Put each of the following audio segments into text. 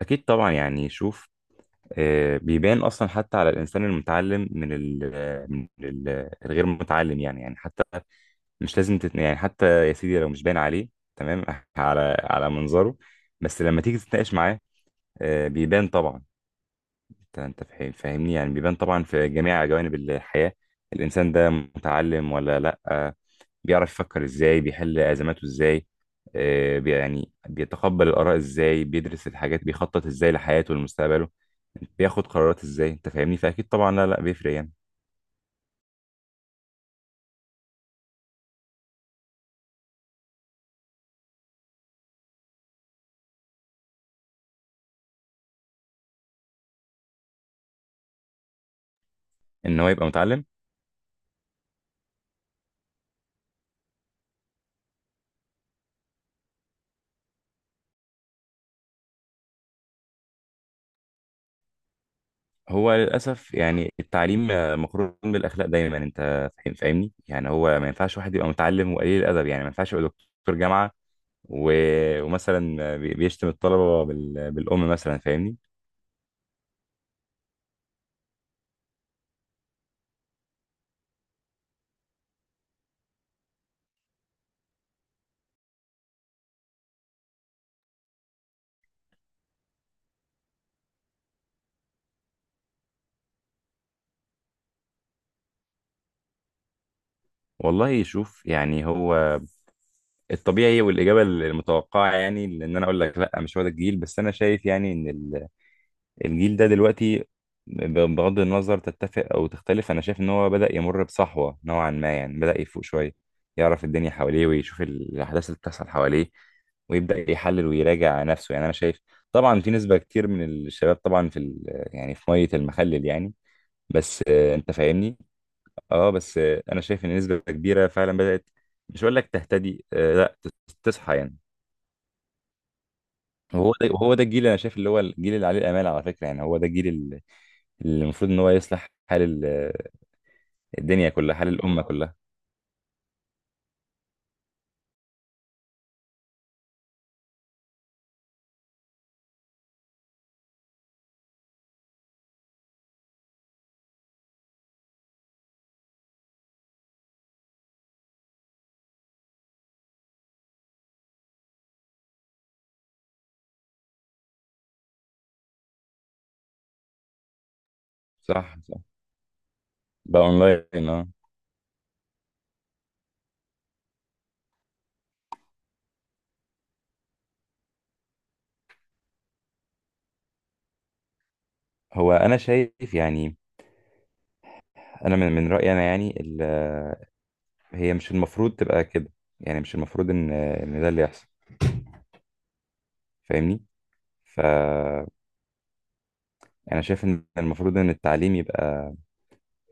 أكيد طبعا. شوف. بيبان أصلا حتى على الإنسان المتعلم من ال الغير متعلم، يعني حتى مش لازم تت... يعني حتى يا سيدي لو مش باين عليه تمام على منظره، بس لما تيجي تتناقش معاه بيبان طبعا. انت فاهمني، يعني بيبان طبعا في جميع جوانب الحياة. الانسان ده متعلم ولا لا، بيعرف يفكر ازاي، بيحل ازماته ازاي، يعني بيتقبل الاراء ازاي، بيدرس الحاجات، بيخطط ازاي لحياته ولمستقبله، بياخد قرارات ازاي. انت فاهمني، فاكيد طبعا، لا لا بيفرق يعني ان هو يبقى متعلم. هو للاسف يعني التعليم مقرون بالاخلاق دايما. انت فاهمني، يعني هو ما ينفعش واحد يبقى متعلم وقليل الادب. يعني ما ينفعش يبقى دكتور جامعة ومثلا بيشتم الطلبة بالأم مثلا، فاهمني. والله يشوف يعني، هو الطبيعي والإجابة المتوقعة يعني إن أنا أقول لك لأ، مش هو ده الجيل، بس أنا شايف يعني إن الجيل ده دلوقتي، بغض النظر تتفق أو تختلف، أنا شايف إن هو بدأ يمر بصحوة نوعا ما. يعني بدأ يفوق شوية، يعرف الدنيا حواليه ويشوف الأحداث اللي بتحصل حواليه، ويبدأ يحلل ويراجع نفسه. يعني أنا شايف طبعا في نسبة كتير من الشباب طبعا في يعني في مية المخلل يعني، بس انت فاهمني. اه بس انا شايف ان نسبه كبيره فعلا بدات، مش هقول لك تهتدي، آه، لا تص- تصحى يعني. وهو ده الجيل اللي انا شايف، اللي هو الجيل اللي عليه الامال على فكره. يعني هو ده اللي المفروض ان هو يصلح الدنيا كلها، حال الامه كلها. صح صح، بقى اونلاين اه. هو انا شايف يعني، انا من رايي انا، يعني هي مش المفروض تبقى كده. يعني مش المفروض ان ان ده اللي يحصل، فاهمني. فانا شايف ان المفروض ان التعليم يبقى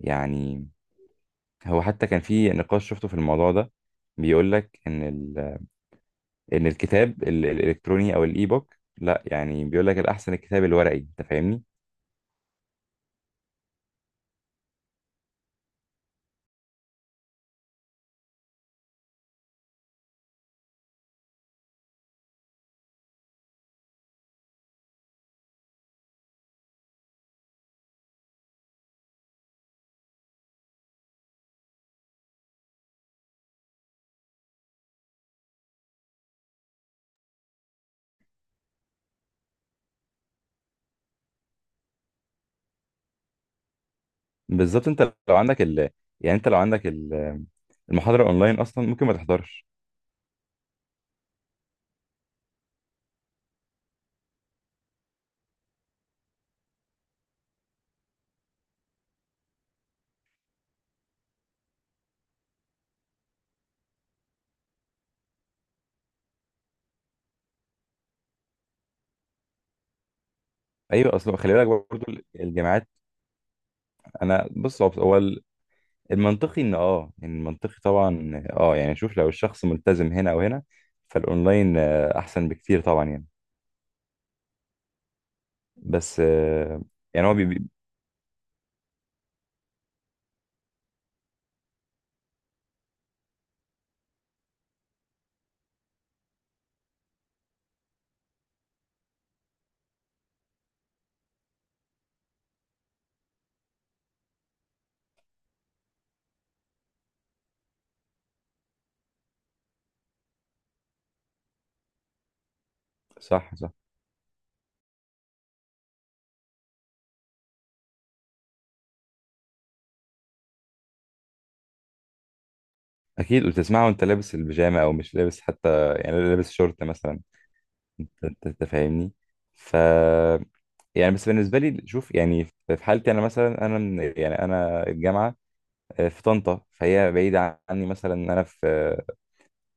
يعني، هو حتى كان في نقاش شفته في الموضوع ده، بيقول لك ان الكتاب الالكتروني او الاي بوك لا، يعني بيقول لك الاحسن الكتاب الورقي، انت فاهمني. بالظبط. انت لو عندك ال... يعني انت المحاضره اونلاين اصلا ممكن ما تحضرش. ايوه اصلا خلي بالك برضه الجامعات. انا بص، المنطقي ان اه، إن المنطقي طبعا اه، يعني شوف لو الشخص ملتزم هنا او هنا فالاونلاين احسن بكتير طبعا يعني. بس يعني هو بي... بي- صح صح. اكيد، وتسمعه وانت لابس البيجامه او مش لابس حتى، يعني لابس شورت مثلا. انت فاهمني. ف يعني بس بالنسبه لي شوف، يعني في حالتي انا مثلا، انا يعني انا الجامعه في طنطا، فهي بعيده عني. مثلا انا في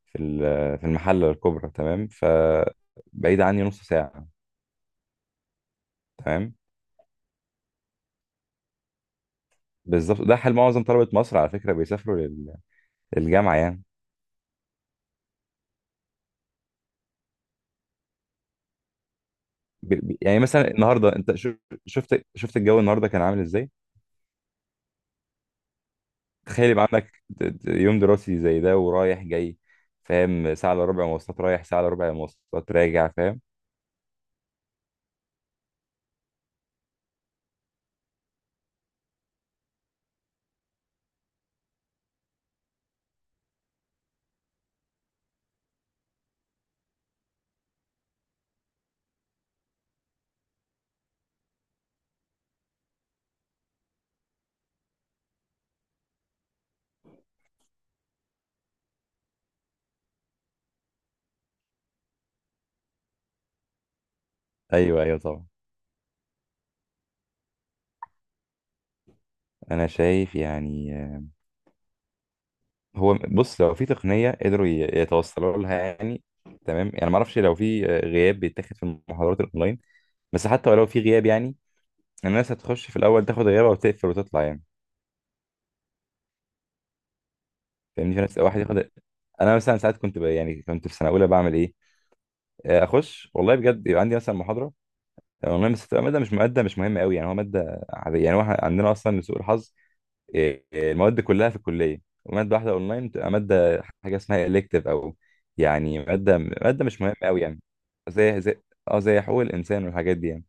في المحله الكبرى تمام، بعيده عني نص ساعه تمام. بالظبط، ده حال معظم طلبه مصر على فكره، بيسافروا للجامعه يعني. يعني مثلا النهارده انت شفت الجو النهارده كان عامل ازاي. تخيل يبقى عندك يوم دراسي زي ده ورايح جاي، فاهم، ساعة الا ربع مواصلات رايح، ساعة الا ربع مواصلات راجع، فاهم. ايوه ايوه طبعا. انا شايف يعني هو بص، لو في تقنية قدروا يتوصلوا لها يعني تمام، يعني ما اعرفش لو في غياب بيتاخد في المحاضرات الاونلاين. بس حتى ولو في غياب يعني، الناس هتخش في الاول تاخد غيابها وتقفل وتطلع يعني. فاهمني، في ناس واحد ياخد، انا مثلا ساعات يعني كنت في سنة اولى بعمل ايه، اخش. والله بجد يبقى عندي مثلا محاضرة، والله بس تبقى مادة مش مهمة قوي يعني، هو مادة عادية. يعني هو إحنا عندنا أصلا لسوء الحظ إيه، إيه، المواد كلها في الكلية، ومادة واحدة أونلاين بتبقى مادة حاجة اسمها إلكتيف، أو يعني مادة مش مهمة قوي يعني. زي أه زي حقوق الإنسان والحاجات دي يعني.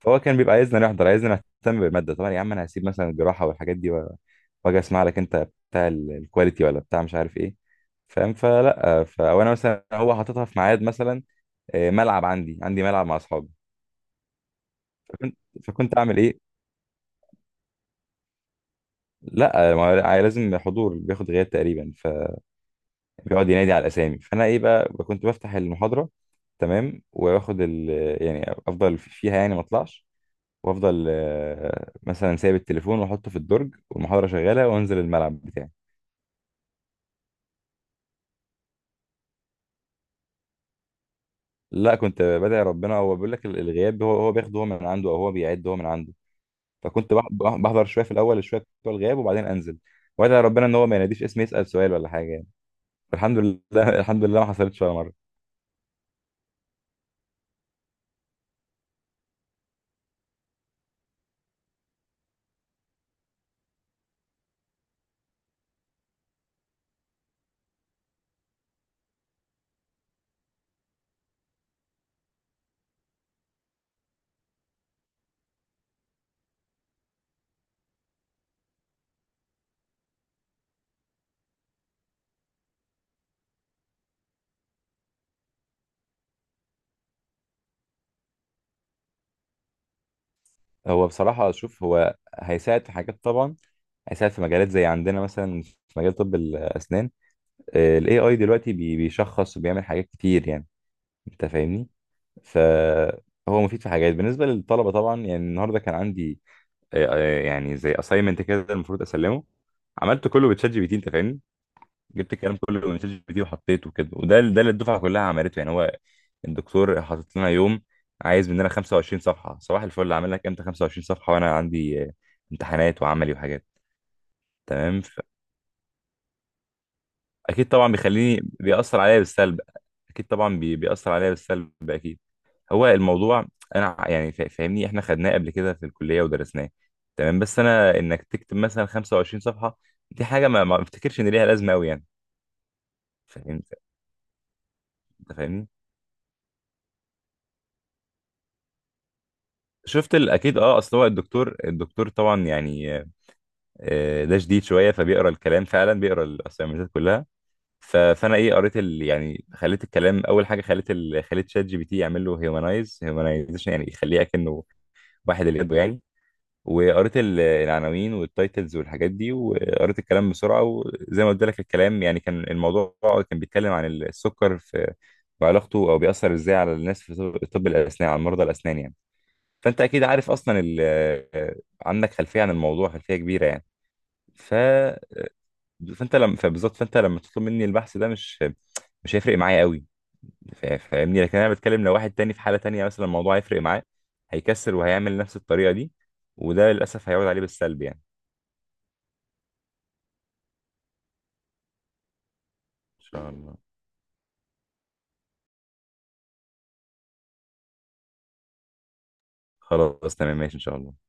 فهو كان بيبقى عايزنا نحضر، عايزنا نهتم بالمادة. طبعا يا عم أنا هسيب مثلا الجراحة والحاجات دي، وأجي أسمع لك أنت بتاع الكواليتي ولا بتاع مش عارف إيه، فاهم. فلا، فأنا مثلا هو حاططها في ميعاد مثلا ملعب، عندي ملعب مع أصحابي. فكنت فكنت أعمل إيه؟ لا، ما هو لا، لازم حضور بياخد غياب تقريبا، فبيقعد ينادي على الاسامي. فانا ايه بقى، كنت بفتح المحاضره تمام واخد ال يعني افضل فيها يعني ما اطلعش، وافضل مثلا سايب التليفون واحطه في الدرج والمحاضره شغاله، وانزل الملعب بتاعي. لا، كنت بدعي ربنا، هو بيقول لك الغياب هو بياخده هو من عنده، او هو بيعد هو من عنده. فكنت بحضر شويه في الاول، شويه بتوع الغياب، وبعدين انزل وادعي ربنا ان هو ما يناديش اسمي، يسال سؤال ولا حاجه يعني. الحمد لله الحمد لله ما حصلتش ولا مره. هو بصراحة شوف، هو هيساعد في حاجات طبعا. هيساعد في مجالات، زي عندنا مثلا في مجال طب الأسنان، ال AI دلوقتي بيشخص وبيعمل حاجات كتير يعني، أنت فاهمني. فهو مفيد في حاجات بالنسبة للطلبة طبعا. يعني النهاردة كان عندي يعني زي assignment كده المفروض أسلمه، عملته كله بتشات جي بي تي، أنت فاهمني. جبت الكلام كله من شات جي بي تي وحطيته كده، وده ده اللي الدفعه كلها عملته يعني. هو الدكتور حاطط لنا يوم، عايز مننا 25 صفحه. صباح الفل، عامل لك امتى 25 صفحه وانا عندي امتحانات وعملي وحاجات تمام. اكيد طبعا بيخليني، بيأثر عليا بالسلب. اكيد طبعا بيأثر عليا بالسلب اكيد. هو الموضوع انا يعني فاهمني احنا خدناه قبل كده في الكليه ودرسناه تمام. بس انا انك تكتب مثلا 25 صفحه دي حاجه ما بفتكرش ان ليها لازمه قوي يعني، فاهم انت فاهمني. اكيد اه، اصل هو الدكتور طبعا يعني ده شديد شويه، فبيقرا الكلام فعلا، بيقرا الاسايمنتات كلها. فانا ايه، قريت ال، يعني خليت الكلام، اول حاجه خليت شات جي بي تي يعمل له هيومنايز هيومنايزيشن، يعني يخليه اكنه واحد اللي يده يعني. وقريت العناوين والتايتلز والحاجات دي، وقريت الكلام بسرعه، وزي ما قلت لك الكلام يعني، كان الموضوع كان بيتكلم عن السكر في وعلاقته او بيأثر ازاي على الناس في طب الاسنان، على مرضى الاسنان يعني. فانت اكيد عارف اصلا عندك خلفيه عن الموضوع، خلفيه كبيره يعني. ف آه، فانت لما فبالظبط، فانت لما تطلب مني البحث ده مش، مش هيفرق معايا قوي. فاهمني، لكن انا بتكلم لو واحد تاني في حاله تانيه مثلا، الموضوع هيفرق معاه، هيكسر وهيعمل نفس الطريقه دي، وده للاسف هيعود عليه بالسلب يعني. ان شاء الله، خلاص تمام ماشي ان شاء الله.